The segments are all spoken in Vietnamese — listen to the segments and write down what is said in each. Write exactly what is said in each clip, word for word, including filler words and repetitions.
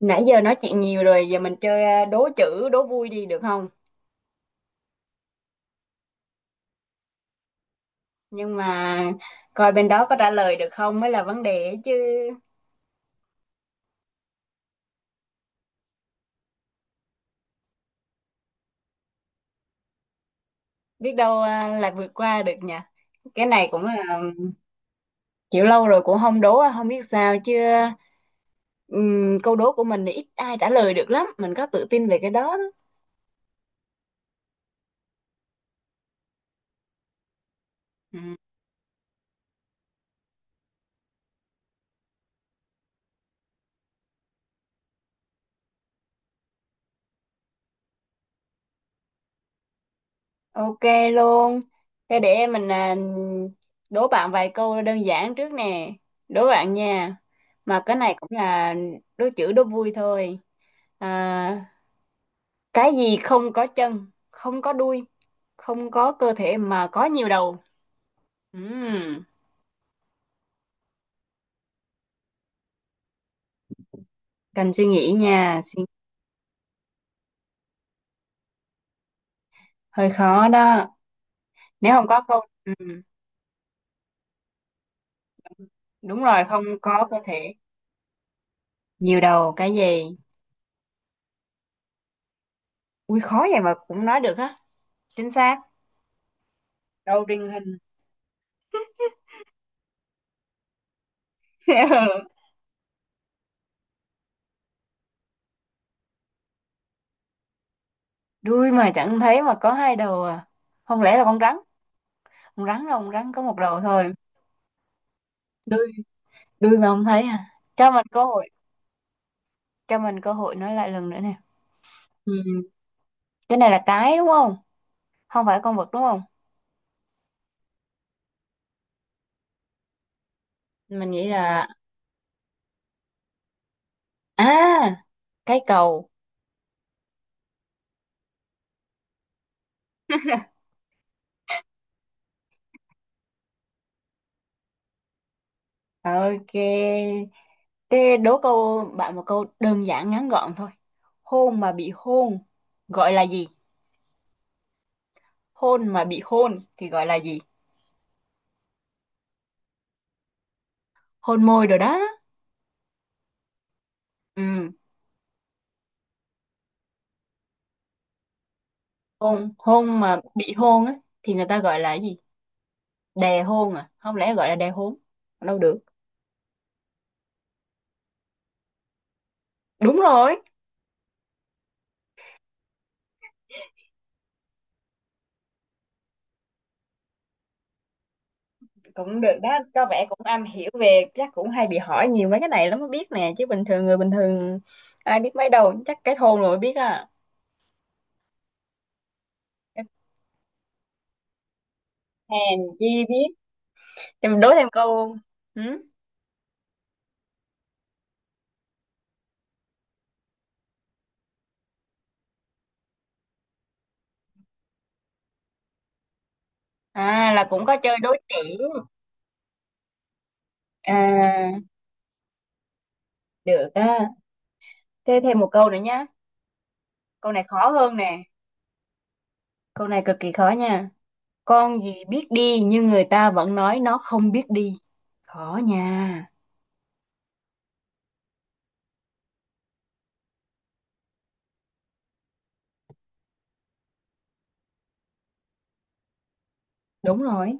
Nãy giờ nói chuyện nhiều rồi, giờ mình chơi à, đố chữ, đố vui đi được không? Nhưng mà coi bên đó có trả lời được không mới là vấn đề ấy chứ. Biết đâu à, là vượt qua được nhỉ. Cái này cũng là à, kiểu lâu rồi cũng không đố, à, không biết sao chứ. Ừm, câu đố của mình thì ít ai trả lời được lắm, mình có tự tin về cái đó. đó. Ừ. Ok luôn. Thế để mình à, Đố bạn vài câu đơn giản trước nè. Đố bạn nha. Mà cái này cũng là đố chữ đố vui thôi. À, cái gì không có chân, không có đuôi, không có cơ thể mà có nhiều đầu. Ừm, Cần suy nghĩ nha. Suy- Hơi khó đó. Nếu không có câu... ừm, đúng rồi, không có cơ thể. Nhiều đầu, cái gì? Ui, khó vậy mà cũng nói được á. Chính xác. Đầu truyền hình. Đuôi mà chẳng thấy mà có hai đầu à, không lẽ là con rắn. Con rắn đâu, con rắn có một đầu thôi. Đuôi đuôi mà không thấy à? Cho mình cơ hội, cho mình cơ hội nói lại lần nữa nè. Ừ. Cái này là cái đúng không, không phải con vật đúng không? Mình nghĩ là, à, cái cầu. Ok, thế đố câu bạn một câu đơn giản ngắn gọn thôi. Hôn mà bị hôn gọi là gì? Hôn mà bị hôn thì gọi là gì? Hôn môi rồi đó. Ừ, hôn hôn mà bị hôn á thì người ta gọi là cái gì? Đè hôn, à không lẽ gọi là đè hôn? Đâu được. Đúng rồi, cũng được đó, có vẻ cũng am hiểu về chắc cũng hay bị hỏi nhiều mấy cái này lắm mới biết nè, chứ bình thường người bình thường ai biết mấy đâu, chắc kết hôn rồi mới biết à. Hèn chi biết. Thì mình đố thêm câu. Ừ? À là cũng có chơi đố chữ. À, được á. Thế thêm một câu nữa nhá. Câu này khó hơn nè. Câu này cực kỳ khó nha. Con gì biết đi nhưng người ta vẫn nói nó không biết đi. Khó nha. Đúng rồi.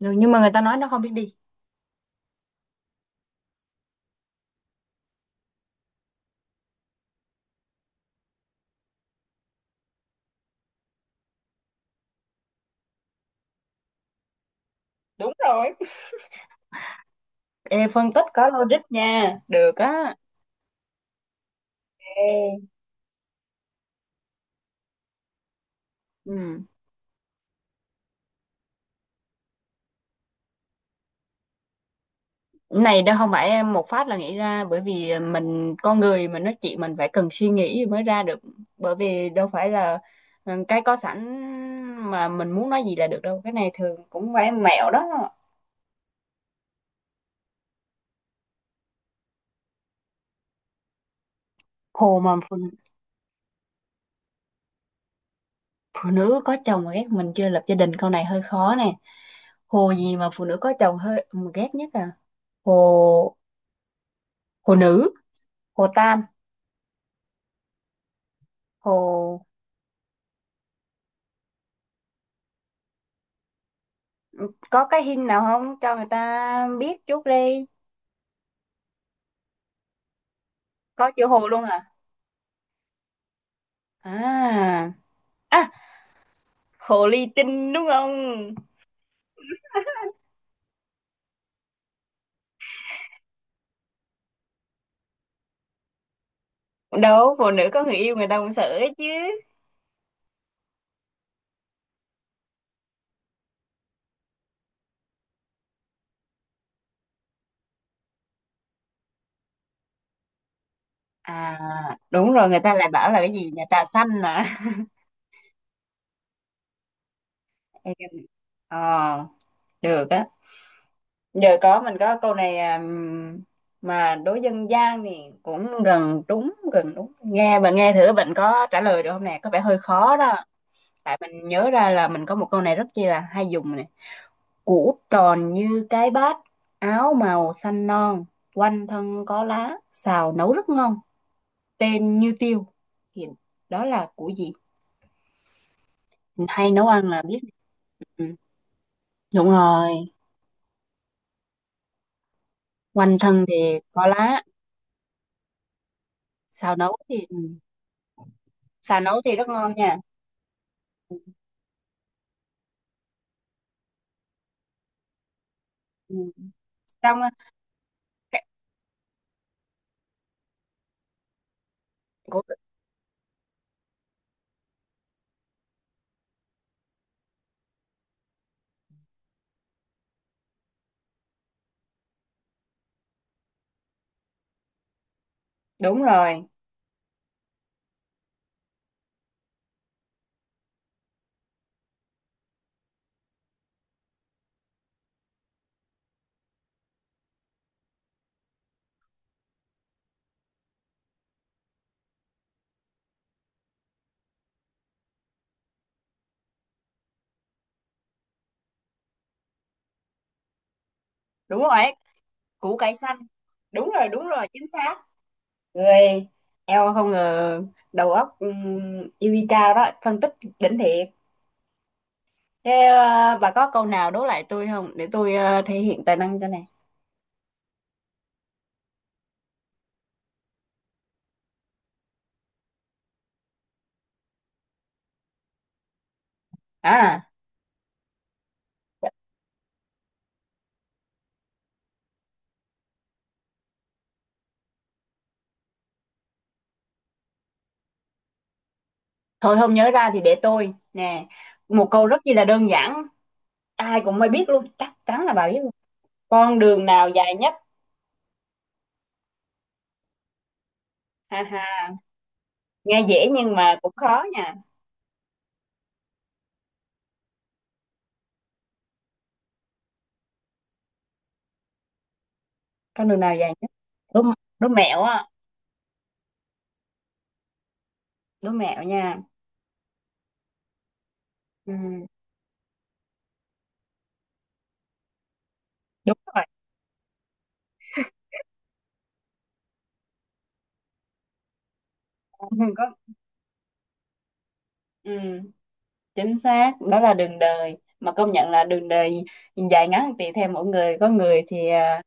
Rồi, nhưng mà người ta nói nó không biết đi. Đúng rồi. Ê, phân tích có logic nha. Được á. Ê, ừ. Này đâu không phải em một phát là nghĩ ra, bởi vì mình con người mình nói chuyện mình phải cần suy nghĩ mới ra được, bởi vì đâu phải là, ừ, cái có sẵn mà mình muốn nói gì là được đâu, cái này thường cũng phải mẹo đó. Hồ mà phụ nữ có chồng mà ghét, mình chưa lập gia đình câu này hơi khó nè. Hồ gì mà phụ nữ có chồng hơi mà ghét nhất à? Hồ, hồ nữ, hồ tam, hồ, có cái hình nào không cho người ta biết chút đi. Có chữ hồ luôn à? À, à, hồ ly tinh đúng không? Đâu, phụ nữ có người yêu người ta cũng sợ ấy chứ. À, đúng rồi, người ta lại bảo là cái gì nhà trà xanh à. Em- ờ, được á. Giờ có mình có câu này à, mà đối dân gian thì cũng gần đúng gần đúng nghe, bạn nghe thử bạn có trả lời được không nè, có vẻ hơi khó đó. Tại mình nhớ ra là mình có một câu này rất chi là hay dùng này. Củ tròn như cái bát, áo màu xanh non, quanh thân có lá, xào nấu rất ngon, tên như tiêu, thì đó là củ gì? Mình hay nấu ăn là biết. Ừ. Đúng rồi. Quanh thân thì có lá. Xào nấu thì ừ. Xào nấu thì rất ngon nha. Ừ. Xong á, cái- củ, đúng rồi. Đúng rồi ấy, củ cải xanh. Đúng rồi đúng rồi chính xác. Người, eo không ngờ, đầu óc um, Yuvika đó phân tích đỉnh thiệt. Thế ờ, bà có câu nào đố lại tôi không để tôi ờ, thể hiện tài năng cho nè. À thôi không nhớ ra thì để tôi nè, một câu rất chi là đơn giản, ai cũng mới biết luôn chắc chắn là bà biết luôn. Con đường nào dài nhất? Ha ha, nghe dễ nhưng mà cũng khó nha. Con đường nào dài nhất? Đố, đố mẹo á, đố mẹo nha. Ừ, đúng rồi. Có, ừ, chính xác đó là đường đời, mà công nhận là đường đời dài ngắn tùy theo mỗi người, có người thì à,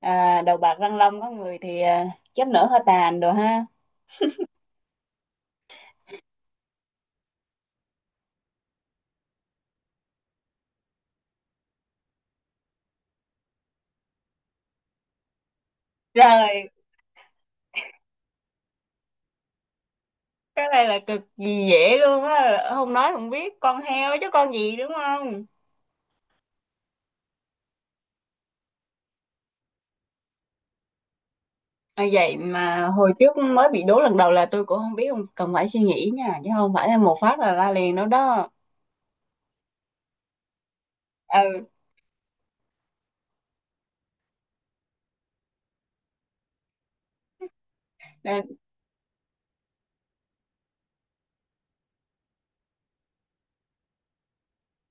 à, đầu bạc răng long, có người thì à, chớp nở hơi tàn đồ ha. Trời, cái này là cực kỳ dễ luôn á, không nói không biết, con heo chứ con gì đúng không? À, vậy mà hồi trước mới bị đố lần đầu là tôi cũng không biết, không cần phải suy nghĩ nha chứ không phải là một phát là la liền đâu đó. Ừ,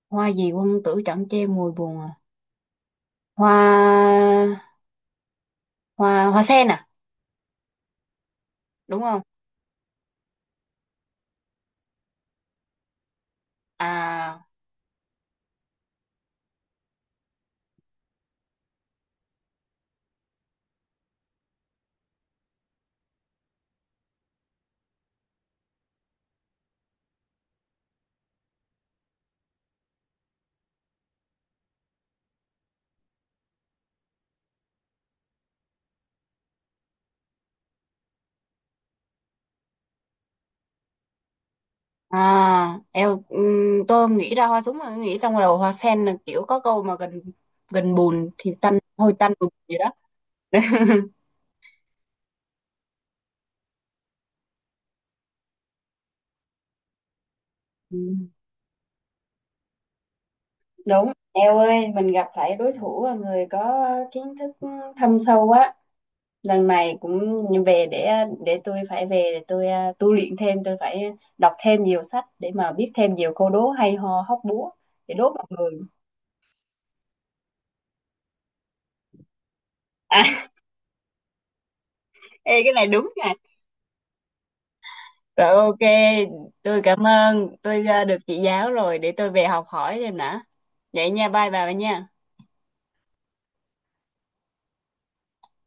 hoa gì quân tử chẳng che mùi buồn à? Hoa hoa hoa sen à? Đúng không? À, à, eo ừm, tôi nghĩ ra hoa súng mà nghĩ trong đầu hoa sen, là kiểu có câu mà gần, gần bùn thì tanh hôi tanh bùn gì đó. Ừ, đúng, eo ơi mình gặp phải đối thủ là người có kiến thức thâm sâu quá. Lần này cũng về, để để tôi phải về để tôi à, tu luyện thêm, tôi phải đọc thêm nhiều sách để mà biết thêm nhiều câu đố hay ho hóc búa để đố mọi người. À ê, cái này đúng nè. Rồi ok, tôi cảm ơn, tôi à, được chị giáo rồi để tôi về học hỏi thêm nữa vậy nha, bye bà nha.